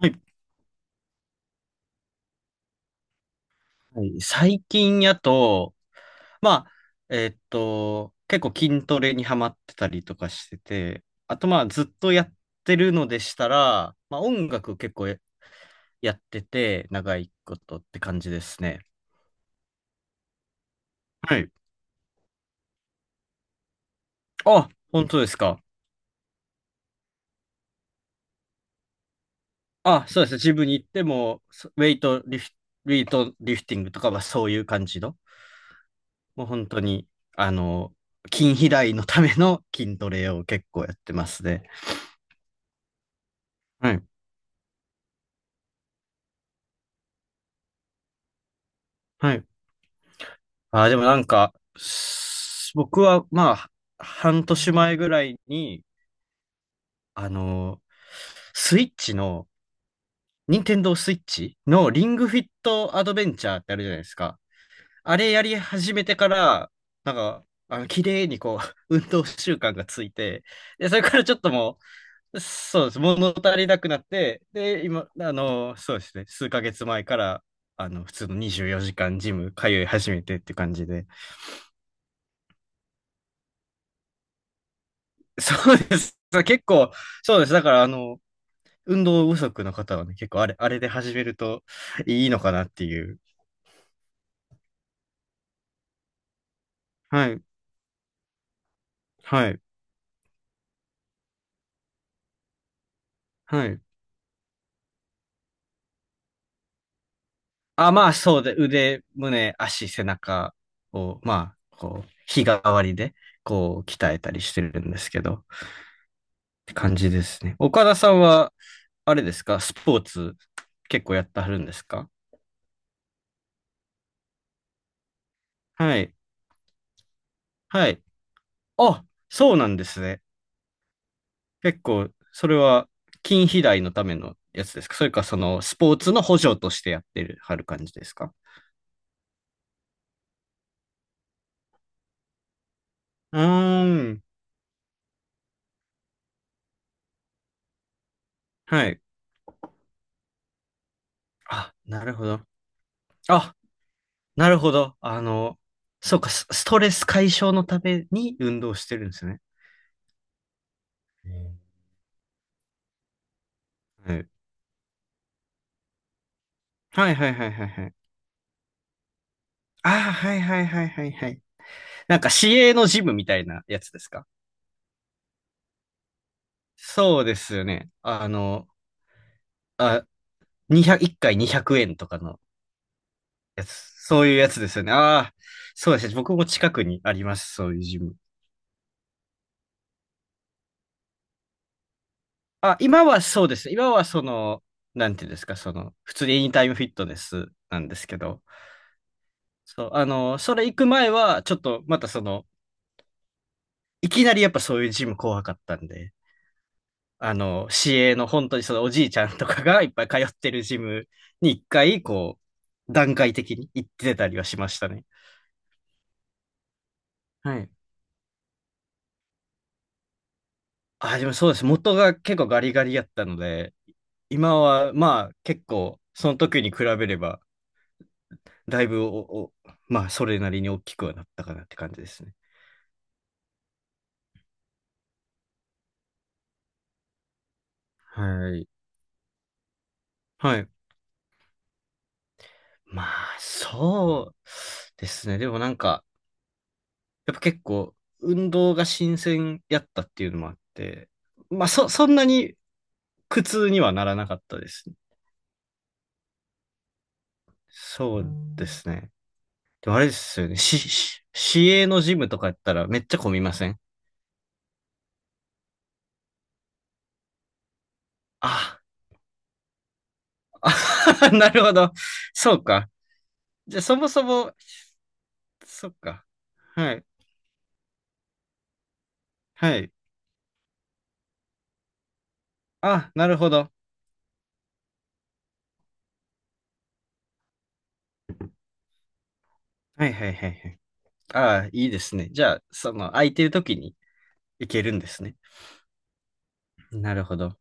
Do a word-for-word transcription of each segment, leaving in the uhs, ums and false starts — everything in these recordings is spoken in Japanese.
はい。はい。最近やと、まあ、えーっと、結構筋トレにハマってたりとかしてて、あとまあずっとやってるのでしたら、まあ音楽結構ややってて、長いことって感じですね。はい。あ、本当ですか。あ、そうですね。ジムに行っても、そウェイトリフ、ウェイトリフティングとかはそういう感じの、もう本当に、あの、筋肥大のための筋トレを結構やってますね。はい。はい。ああ、でもなんか、す僕はまあ、半年前ぐらいに、あのースイッチの、任天堂スイッチのリングフィットアドベンチャーってあるじゃないですか。あれやり始めてから、なんか、あの、綺麗にこう、運動習慣がついて、で、それからちょっともう、そうです、物足りなくなって、で、今、あのーそうですね、数ヶ月前から、あの、普通のにじゅうよじかんジム通い始めてって感じで、そうです。結構、そうです。だから、あの、運動不足の方はね、結構あれ、あれで始めるといいのかなっていう。はい。はい。はい。あ、まあ、そうで、腕、胸、足、背中を、まあ、こう、日替わりで、こう、鍛えたりしてるんですけど、って感じですね。岡田さんは、あれですか、スポーツ、結構やってはるんですか？はい。はい。あ、そうなんですね。結構、それは筋肥大のためのやつですか？それか、その、スポーツの補助としてやってる、はる感じですか？うーん。はい。あ、なるほど。あ、なるほど。あの、そうか、スストレス解消のために運動してるんですね。うん。はいはいはいはいはいはい。ああ、はいはいはいはいはい。なんか市営のジムみたいなやつですか？そうですよね。あの、あ、にひゃく、いっかいにひゃくえんとかのやつ。そういうやつですよね。ああ、そうですね。僕も近くにあります。そういうジム。あ、今はそうです。今はその、なんていうんですか、その、普通にエニタイムフィットネスなんですけど、そう、あの、それ行く前は、ちょっとまたその、いきなりやっぱそういうジム怖かったんで、あの、市営の本当にそのおじいちゃんとかがいっぱい通ってるジムに一回、こう、段階的に行ってたりはしましたね。はい。あ、でもそうです。元が結構ガリガリやったので、今はまあ結構、その時に比べれば、だいぶお、おまあそれなりに大きくはなったかなって感じですね。はい。はい。まあ、そうですね。でもなんか、やっぱ結構、運動が新鮮やったっていうのもあって、まあ、そ、そんなに苦痛にはならなかったですね。そうですね。でもあれですよね。し、し、市営のジムとかやったらめっちゃ混みません？ああ なるほど。そうか。じゃあ、そもそも、そっか。はい。はい。あ、なるほど。はいはいはいはい。ああ、いいですね。じゃあ、その、空いてる時に行けるんですね。なるほど。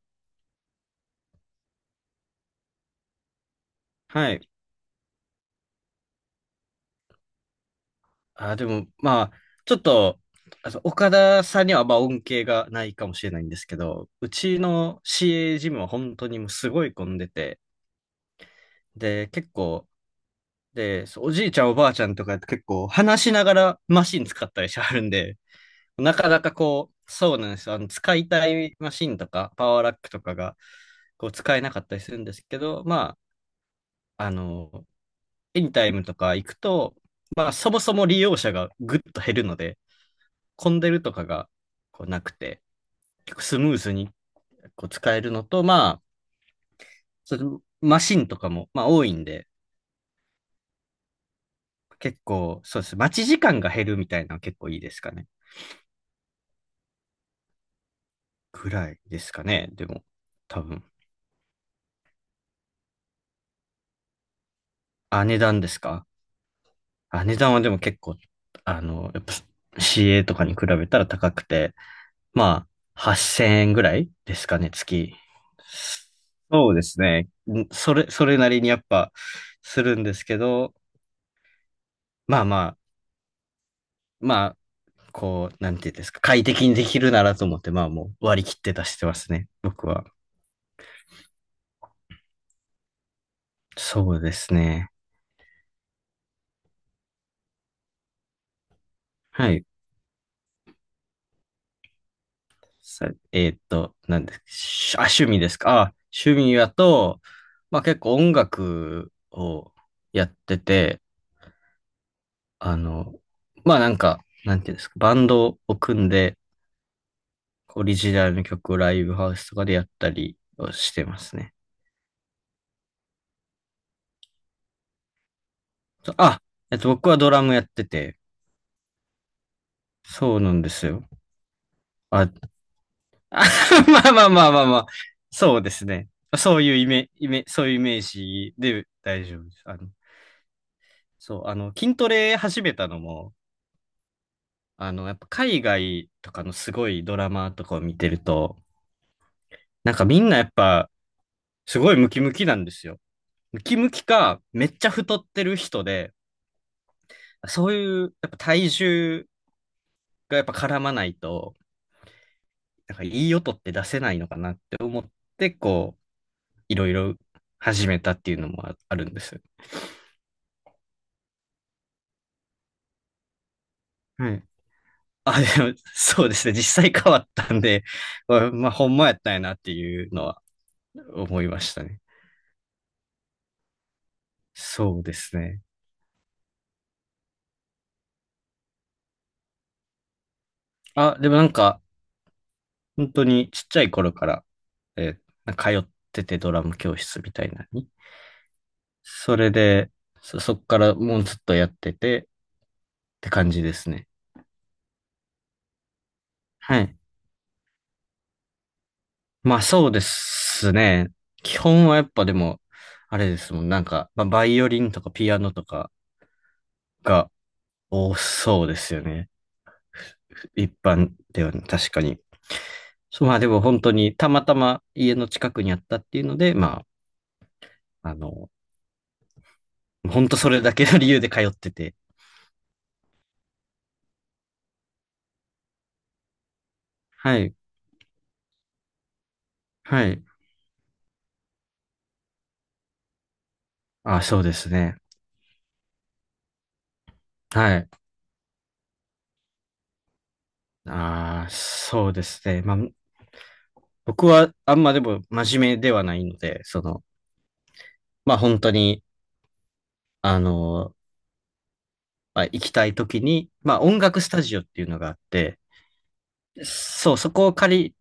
はい。あ、でも、まあ、ちょっと、あの岡田さんにはまあ恩恵がないかもしれないんですけど、うちの シーエー ジムは本当にもうすごい混んでて、で、結構、で、そうおじいちゃんおばあちゃんとか結構話しながらマシン使ったりしはるんで、なかなかこう、そうなんですよ。あの、使いたいマシンとか、パワーラックとかが、こう、使えなかったりするんですけど、まあ、あの、エニタイムとか行くと、まあ、そもそも利用者がぐっと減るので、混んでるとかが、こう、なくて、結構スムーズに、こう、使えるのと、まあ、そのマシンとかも、まあ、多いんで、結構、そうです。待ち時間が減るみたいなのは結構いいですかね。ぐらいですかね。でも、多分。あ、値段ですか？あ、値段はでも結構、あの、やっぱ シーエー とかに比べたら高くて、まあ、はっせんえんぐらいですかね、月。そうですね。んそれ、それなりにやっぱするんですけど、まあまあ、まあ、こう、なんていうんですか、快適にできるならと思って、まあもう割り切って出してますね、僕は。そうですね。はい。さ、えーっと、なんですしあ、趣味ですか。あ、趣味やと、まあ結構音楽をやってて、あの、まあなんか、なんていうんですか、バンドを組んで、オリジナルの曲をライブハウスとかでやったりをしてますね。そうあ、えっと、僕はドラムやってて、そうなんですよ。あ、まあまあまあまあまあ、そうですね。そういうイメ、イメ、そういうイメージで大丈夫です。あの、そう、あの、筋トレ始めたのも、あの、やっぱ海外とかのすごいドラマとかを見てると、なんかみんなやっぱすごいムキムキなんですよ。ムキムキか、めっちゃ太ってる人で、そういうやっぱ体重がやっぱ絡まないと、なんかいい音って出せないのかなって思って、こう、いろいろ始めたっていうのもああるんです。はい。あ、でも、そうですね。実際変わったんで、まあ、まあほんまやったんやなっていうのは思いましたね。そうですね。あ、でもなんか、本当にちっちゃい頃から、えー通っててドラム教室みたいなのに。それで、そ、そっからもうずっとやっててって感じですね。はい。まあそうですね。基本はやっぱでも、あれですもん。なんか、まあ、バイオリンとかピアノとかが多そうですよね。一般ではね、確かに。そうまあでも本当にたまたま家の近くにあったっていうので、まあ、あの、本当それだけの理由で通ってて。はい。はい。あ、そうですね。はい。ああそうですね。まあ、僕はあんまでも真面目ではないので、その、まあ本当に、あの、まあ、行きたい時に、まあ音楽スタジオっていうのがあって、そう、そこを借り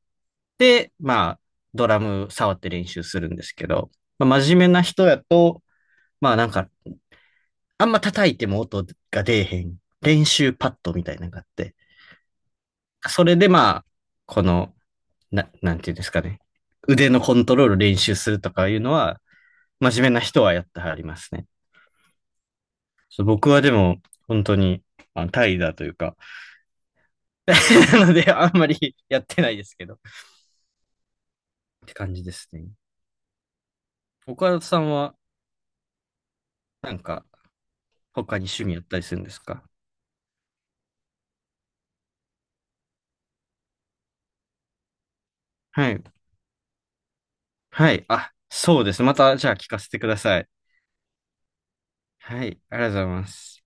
て、まあドラム触って練習するんですけど、まあ、真面目な人やと、まあなんか、あんま叩いても音が出えへん練習パッドみたいなのがあって、それでまあ、この、な、なんていうんですかね。腕のコントロール練習するとかいうのは、真面目な人はやってはりますね。そう僕はでも、本当に、あ怠惰というか、なので、あんまり やってないですけど、って感じですね。岡田さんは、なんか、他に趣味やったりするんですか？はい。はい。あ、そうです。また、じゃあ聞かせてください。はい。ありがとうございます。